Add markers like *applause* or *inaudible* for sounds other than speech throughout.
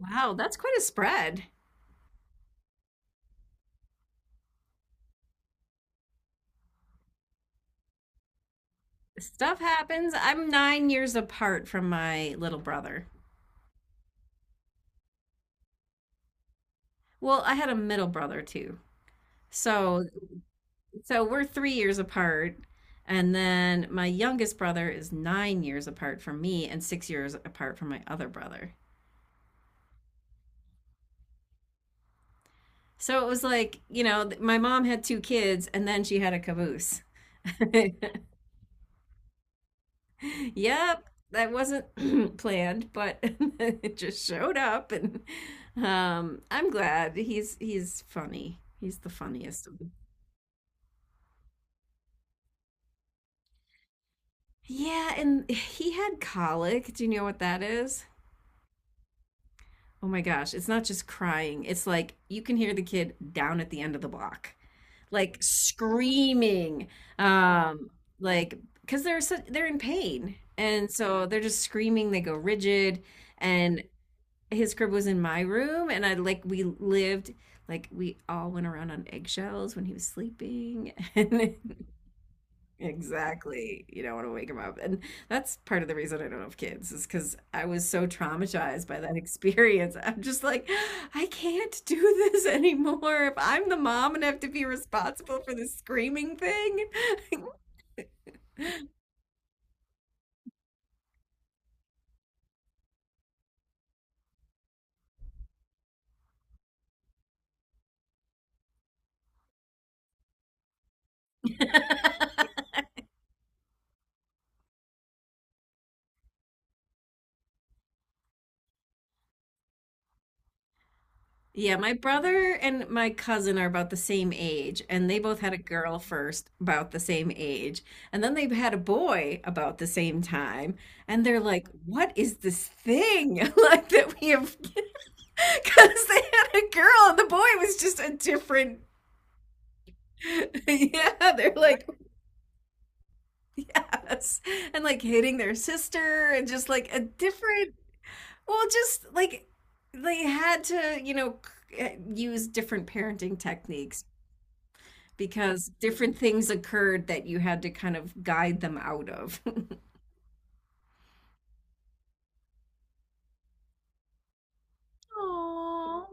Wow, that's quite a spread. Stuff happens. I'm 9 years apart from my little brother. Well, I had a middle brother too. So, so we're 3 years apart. And then my youngest brother is 9 years apart from me and 6 years apart from my other brother. So it was like, you know, my mom had two kids and then she had a caboose. *laughs* *laughs* Yep, that wasn't *clears throat* planned, but *laughs* it just showed up, and I'm glad he's funny. He's the funniest of them. Yeah, and he had colic. Do you know what that is? Oh my gosh, it's not just crying. It's like you can hear the kid down at the end of the block, like screaming, um, like because they're so, they're in pain, and so they're just screaming. They go rigid, and his crib was in my room and I we lived like we all went around on eggshells when he was sleeping *laughs* and exactly you don't want to wake him up and that's part of the reason I don't have kids is because I was so traumatized by that *laughs* experience. I'm just like I can't do *laughs* this anymore if I'm the mom and have to be responsible for this screaming thing. *laughs* Yeah, my brother and my cousin are about the same age, and they both had a girl first about the same age, and then they had a boy about the same time, and they're like, "What is this thing *laughs* like that we have?" *laughs* Because they had a girl, and the boy was just a different. *laughs* Yeah, they're like, yes, and like hitting their sister, and just like a different. Well, just like they had to, you know, use different parenting techniques because different things occurred that you had to kind of guide them out of. *laughs* Oh,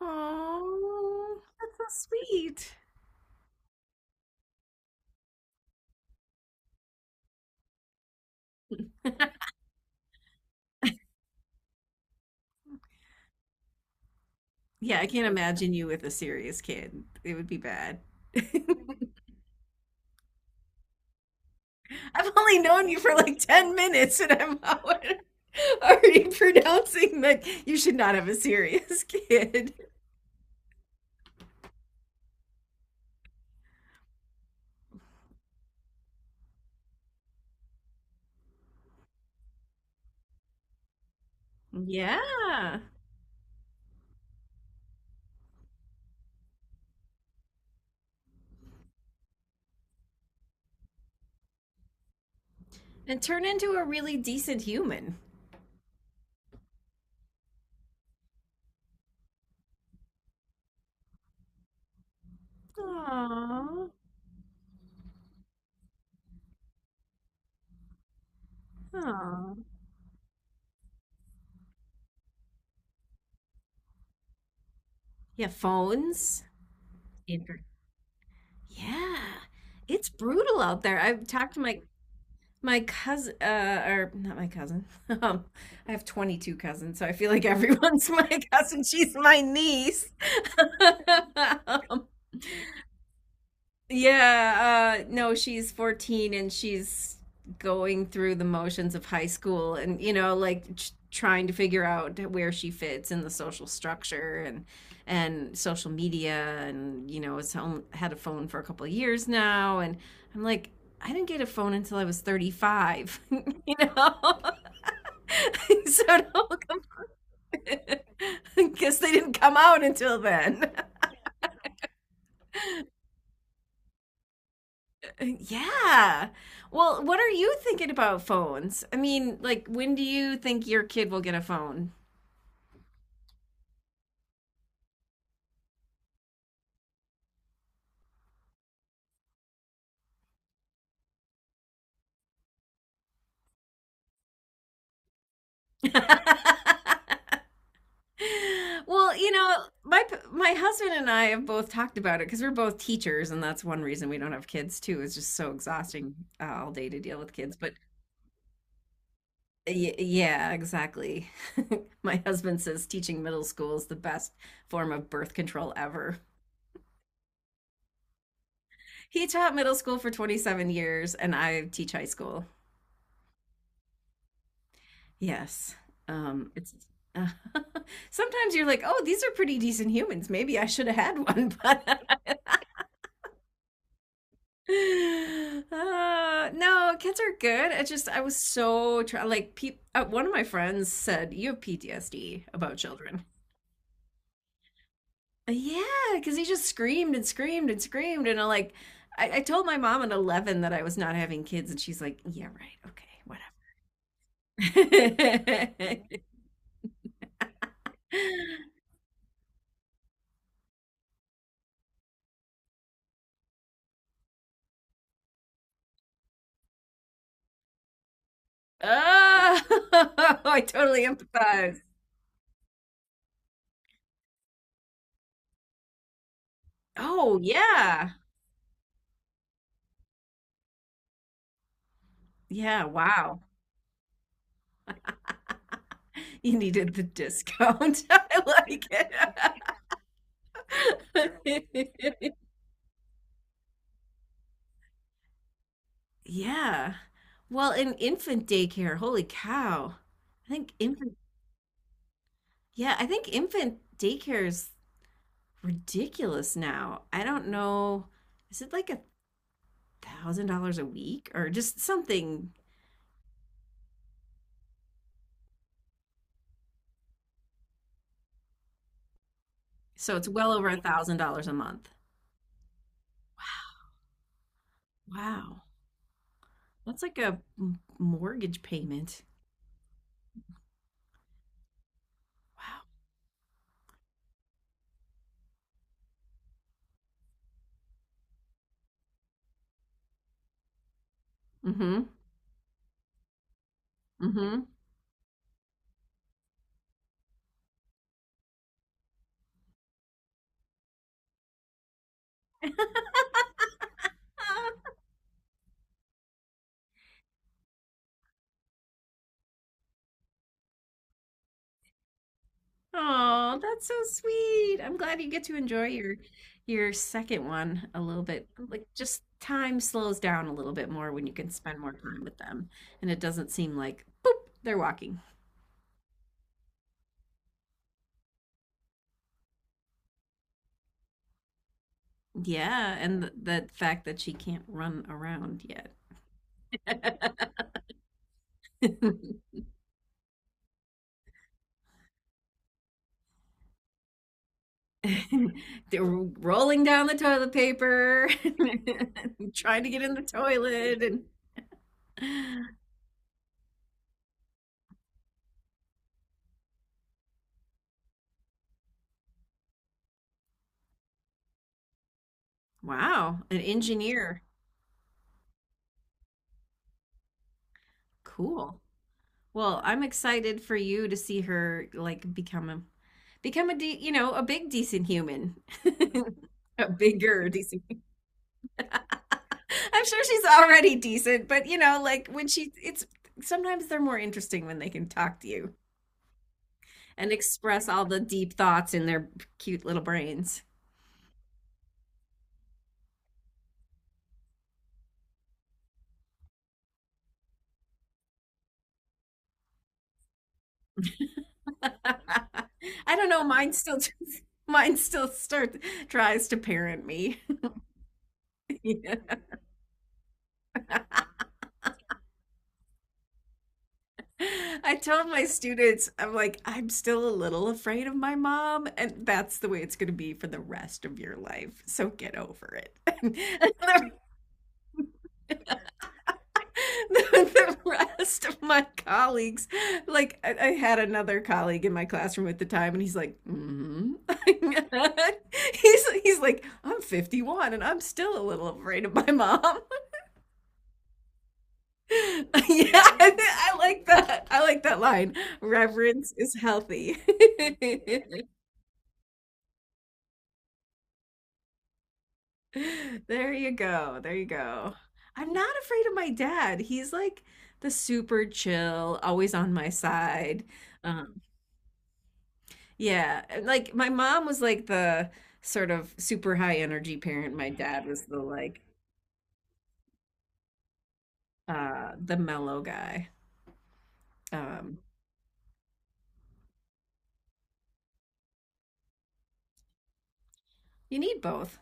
oh, that's so sweet. Yeah, I can't imagine you with a serious kid. It would be bad. *laughs* I've only known you for like 10 minutes and I'm already *laughs* already pronouncing that you should not have a serious *laughs* kid. Yeah. And turn into a really decent human. Aww. Aww. Yeah, phones. Yeah, it's brutal out there. I've talked to my my cousin, or not my cousin. *laughs* Um, I have 22 cousins, so I feel like everyone's *laughs* my cousin. She's my niece. *laughs* Um, yeah, no, she's 14 and she's going through the motions of high school and you know like trying to figure out where she fits in the social structure and social media and you know had a phone for a couple of years now and I'm like I didn't get a phone until I was 35, *laughs* you know. *laughs* So don't *laughs* because they didn't come out until then. *laughs* Yeah. Well, what are you thinking about phones? I mean, like, when do you think your kid will get a phone? *laughs* Well, you know, my husband and I have both talked about it because we're both teachers, and that's one reason we don't have kids too. It's just so exhausting all day to deal with kids. But y yeah, exactly. *laughs* My husband says teaching middle school is the best form of birth control ever. He taught middle school for 27 years, and I teach high school. Yes. It's uh, *laughs* sometimes you're like, oh, these are pretty decent humans. Maybe I should have had one, *laughs* but no, kids are good. I was so like, peop one of my friends said you have PTSD about children. Yeah, because he just screamed and screamed and screamed, and I'm like, I told my mom at 11 that I was not having kids, and she's like, yeah, right, okay, whatever. *laughs* Oh, *laughs* I totally empathize. Oh, yeah. Yeah, wow. You needed the discount. *laughs* I like it. *laughs* Yeah. Well, in infant daycare, holy cow. I think infant, yeah, I think infant daycare is ridiculous now. I don't know. Is it like $1,000 a week or just something? So it's well over $1,000 a month. Wow. That's like a mortgage payment. Wow. Mm-hmm. Mm-hmm. Oh, that's so sweet. I'm glad you get to enjoy your second one a little bit. Like just time slows down a little bit more when you can spend more time with them and it doesn't seem like boop, they're walking. Yeah, and th the fact that she can't run around yet. *laughs* They're rolling down the toilet paper, *laughs* trying to get in the toilet and wow, an engineer. Cool. Well, I'm excited for you to see her like become a you know a big decent human. *laughs* A bigger decent. I'm sure she's already decent, but you know, like when she, it's sometimes they're more interesting when they can talk to you and express all the deep thoughts in their cute little brains. *laughs* I don't know, *laughs* mine still start tries to parent me. *laughs* Yeah. I told my students, I'm like, I'm still a little afraid of my mom, and that's the way it's going to be for the rest of your life. So get over it. *laughs* And the rest of my colleagues, like, I had another colleague in my classroom at the time, and he's like, mm-hmm. *laughs* He's like, I'm 51, and I'm still a little afraid of my mom. *laughs* Yeah, I like that. I like that line. Reverence is healthy. *laughs* *laughs* There you go. There you go. I'm not afraid of my dad. He's like the super chill, always on my side. Um, yeah, and, like my mom was like the sort of super high energy parent. My dad was the like the mellow guy. Um, you need both.